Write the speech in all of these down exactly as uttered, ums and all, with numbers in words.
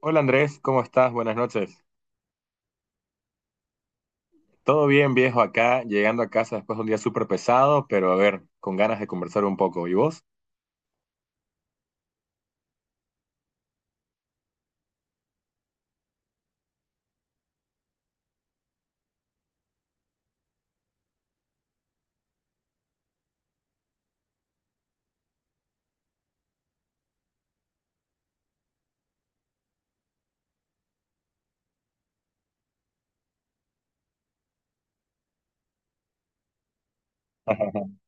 Hola Andrés, ¿cómo estás? Buenas noches. Todo bien, viejo, acá, llegando a casa después de un día súper pesado, pero a ver, con ganas de conversar un poco. ¿Y vos?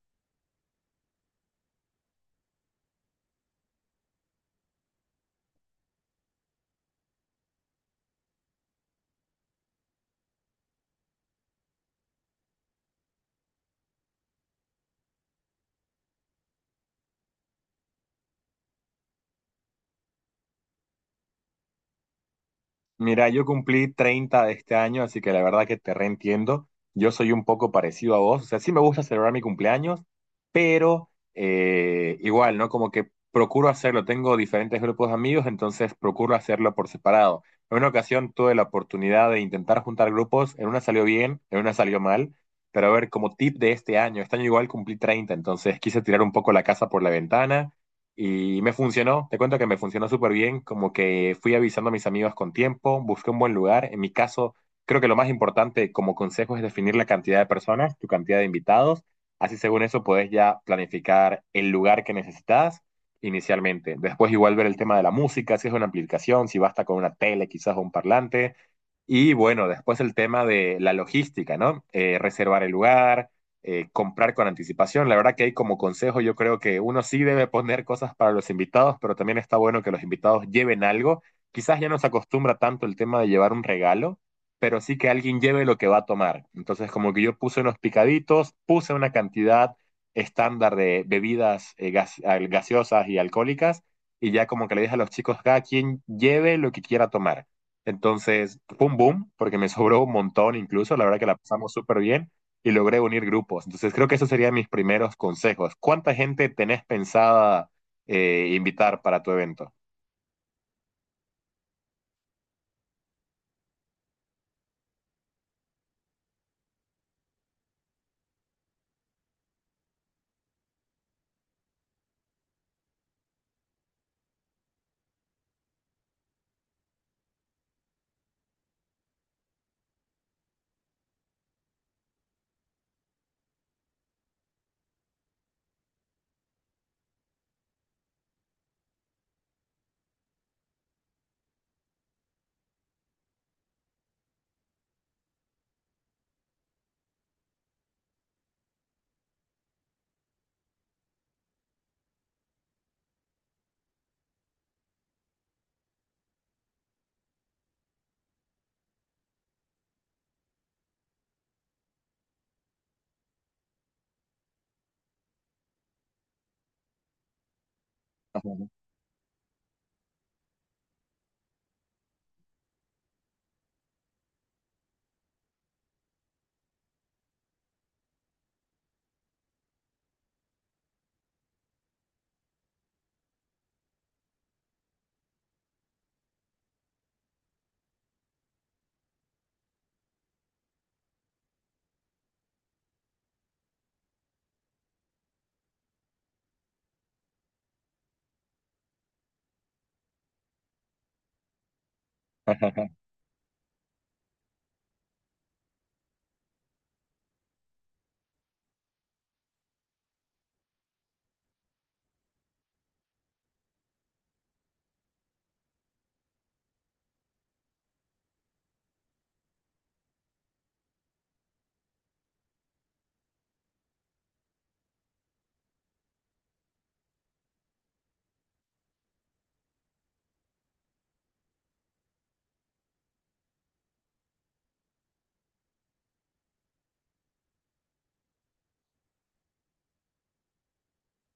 Mira, yo cumplí treinta de este año, así que la verdad que te reentiendo. Yo soy un poco parecido a vos, o sea, sí me gusta celebrar mi cumpleaños, pero eh, igual, ¿no? Como que procuro hacerlo, tengo diferentes grupos de amigos, entonces procuro hacerlo por separado. En una ocasión tuve la oportunidad de intentar juntar grupos, en una salió bien, en una salió mal, pero a ver, como tip de este año, este año igual cumplí treinta, entonces quise tirar un poco la casa por la ventana y me funcionó, te cuento que me funcionó súper bien, como que fui avisando a mis amigos con tiempo, busqué un buen lugar. En mi caso, creo que lo más importante como consejo es definir la cantidad de personas, tu cantidad de invitados. Así según eso podés ya planificar el lugar que necesitas inicialmente. Después igual ver el tema de la música, si es una aplicación, si basta con una tele quizás o un parlante. Y bueno, después el tema de la logística, ¿no? Eh, reservar el lugar eh, comprar con anticipación. La verdad que hay como consejo, yo creo que uno sí debe poner cosas para los invitados, pero también está bueno que los invitados lleven algo. Quizás ya no se acostumbra tanto el tema de llevar un regalo, pero sí que alguien lleve lo que va a tomar. Entonces, como que yo puse unos picaditos, puse una cantidad estándar de bebidas eh, gas- al- gaseosas y alcohólicas, y ya como que le dije a los chicos, cada quien lleve lo que quiera tomar. Entonces, boom, boom, porque me sobró un montón incluso, la verdad que la pasamos súper bien y logré unir grupos. Entonces creo que esos serían mis primeros consejos. ¿Cuánta gente tenés pensada eh, invitar para tu evento?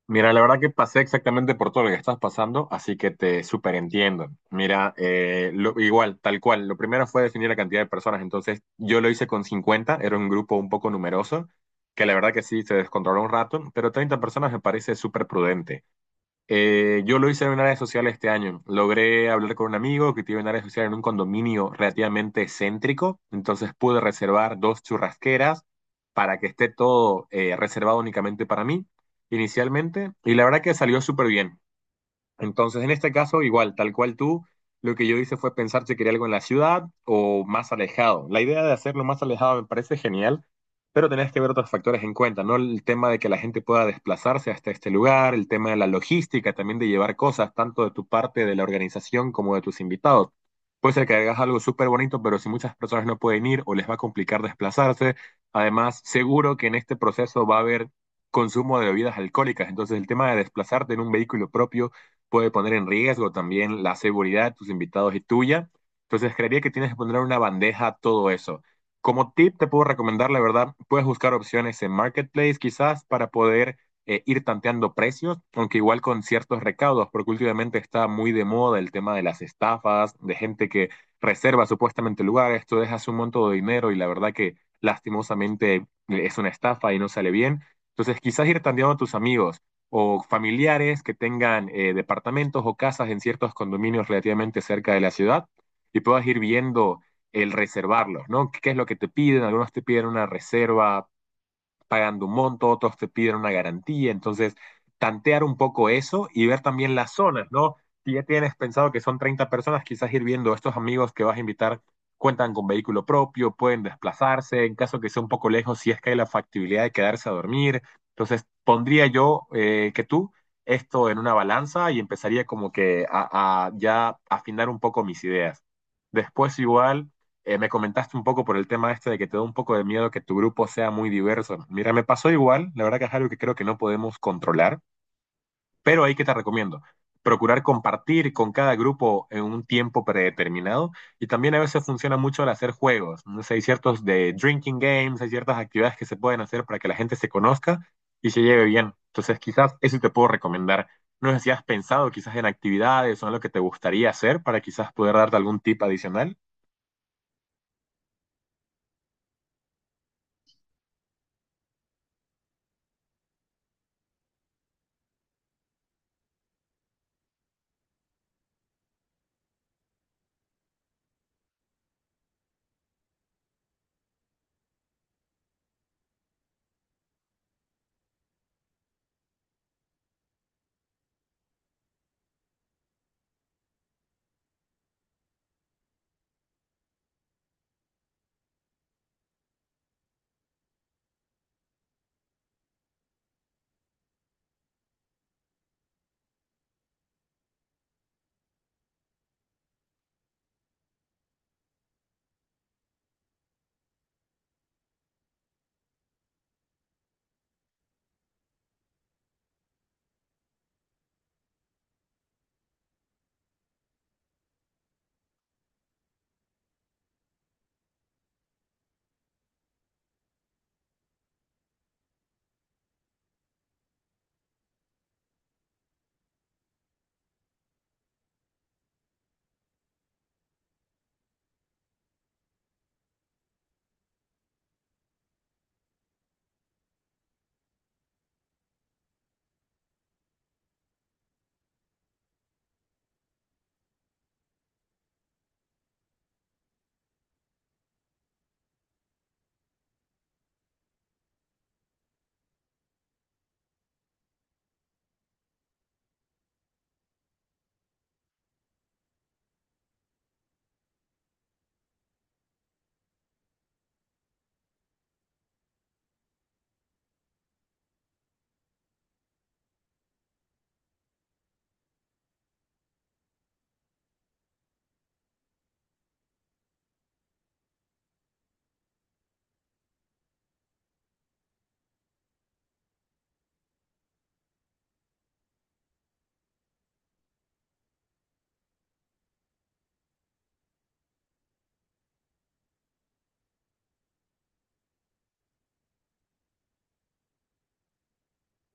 Mira, la verdad que pasé exactamente por todo lo que estás pasando, así que te súper entiendo. Mira, eh, lo- igual, tal cual, lo primero fue definir la cantidad de personas, entonces yo lo hice con cincuenta, era un grupo un poco numeroso, que la verdad que sí, se descontroló un rato, pero treinta personas me parece súper prudente. Eh, yo lo hice en una área social este año. Logré hablar con un amigo que tiene un área social en un condominio relativamente céntrico, entonces pude reservar dos churrasqueras para que esté todo eh, reservado únicamente para mí inicialmente y la verdad que salió súper bien. Entonces, en este caso, igual, tal cual tú, lo que yo hice fue pensar si quería algo en la ciudad o más alejado. La idea de hacerlo más alejado me parece genial, pero tenés que ver otros factores en cuenta, ¿no? El tema de que la gente pueda desplazarse hasta este lugar, el tema de la logística, también de llevar cosas, tanto de tu parte de la organización como de tus invitados. Puede ser que hagas algo súper bonito, pero si muchas personas no pueden ir o les va a complicar desplazarse, además, seguro que en este proceso va a haber consumo de bebidas alcohólicas, entonces el tema de desplazarte en un vehículo propio puede poner en riesgo también la seguridad de tus invitados y tuya. Entonces, creería que tienes que poner una bandeja a todo eso. Como tip, te puedo recomendar, la verdad, puedes buscar opciones en Marketplace quizás para poder eh, ir tanteando precios, aunque igual con ciertos recaudos, porque últimamente está muy de moda el tema de las estafas, de gente que reserva supuestamente lugares, tú dejas un monto de dinero y la verdad que lastimosamente es una estafa y no sale bien. Entonces, quizás ir tanteando a tus amigos o familiares que tengan eh, departamentos o casas en ciertos condominios relativamente cerca de la ciudad y puedas ir viendo el reservarlos, ¿no? ¿Qué es lo que te piden? Algunos te piden una reserva pagando un monto, otros te piden una garantía, entonces tantear un poco eso y ver también las zonas, ¿no? Si ya tienes pensado que son treinta personas, quizás ir viendo estos amigos que vas a invitar cuentan con vehículo propio, pueden desplazarse, en caso que sea un poco lejos, si es que hay la factibilidad de quedarse a dormir. Entonces, pondría yo eh, que tú esto en una balanza y empezaría como que a, a ya afinar un poco mis ideas. Después igual eh, me comentaste un poco por el tema este de que te da un poco de miedo que tu grupo sea muy diverso. Mira, me pasó igual, la verdad que es algo que creo que no podemos controlar, pero ahí que te recomiendo. Procurar compartir con cada grupo en un tiempo predeterminado y también a veces funciona mucho el hacer juegos. No sé, hay ciertos de drinking games, hay ciertas actividades que se pueden hacer para que la gente se conozca y se lleve bien. Entonces, quizás eso te puedo recomendar. No sé si has pensado quizás en actividades o en lo que te gustaría hacer para quizás poder darte algún tip adicional.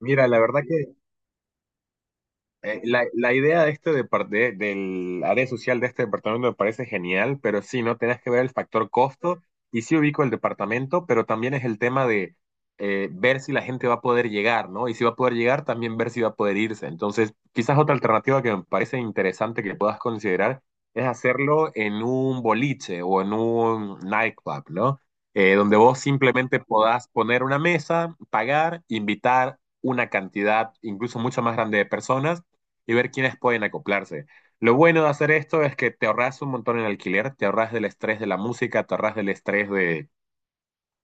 Mira, la verdad que Eh, la, la idea de este depar- de- del área social de este departamento me parece genial, pero sí, no tenés que ver el factor costo y sí ubico el departamento, pero también es el tema de eh, ver si la gente va a poder llegar, ¿no? Y si va a poder llegar, también ver si va a poder irse. Entonces, quizás otra alternativa que me parece interesante que puedas considerar es hacerlo en un boliche o en un nightclub, ¿no? Eh, donde vos simplemente podás poner una mesa, pagar, invitar una cantidad incluso mucho más grande de personas y ver quiénes pueden acoplarse. Lo bueno de hacer esto es que te ahorras un montón en alquiler, te ahorras del estrés de la música, te ahorras del estrés de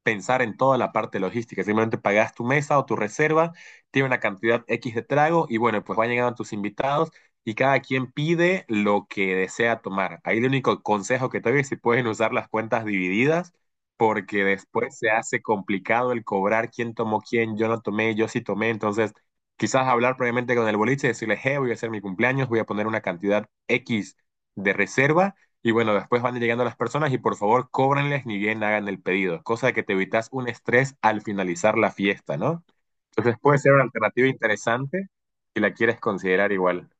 pensar en toda la parte logística. Simplemente pagas tu mesa o tu reserva, tiene una cantidad X de trago y bueno, pues van llegando tus invitados y cada quien pide lo que desea tomar. Ahí el único consejo que te doy es si pueden usar las cuentas divididas, porque después se hace complicado el cobrar quién tomó quién, yo no tomé, yo sí tomé, entonces quizás hablar previamente con el boliche y decirle, hey, voy a hacer mi cumpleaños, voy a poner una cantidad X de reserva y bueno, después van llegando las personas y por favor cóbrenles ni bien hagan el pedido, cosa de que te evitas un estrés al finalizar la fiesta, ¿no? Entonces puede ser una alternativa interesante si la quieres considerar igual.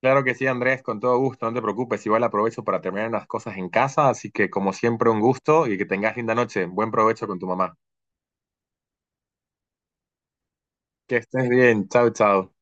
Claro que sí, Andrés, con todo gusto, no te preocupes, igual aprovecho para terminar unas cosas en casa, así que como siempre un gusto y que tengas linda noche, buen provecho con tu mamá. Que estés bien, chao, chao.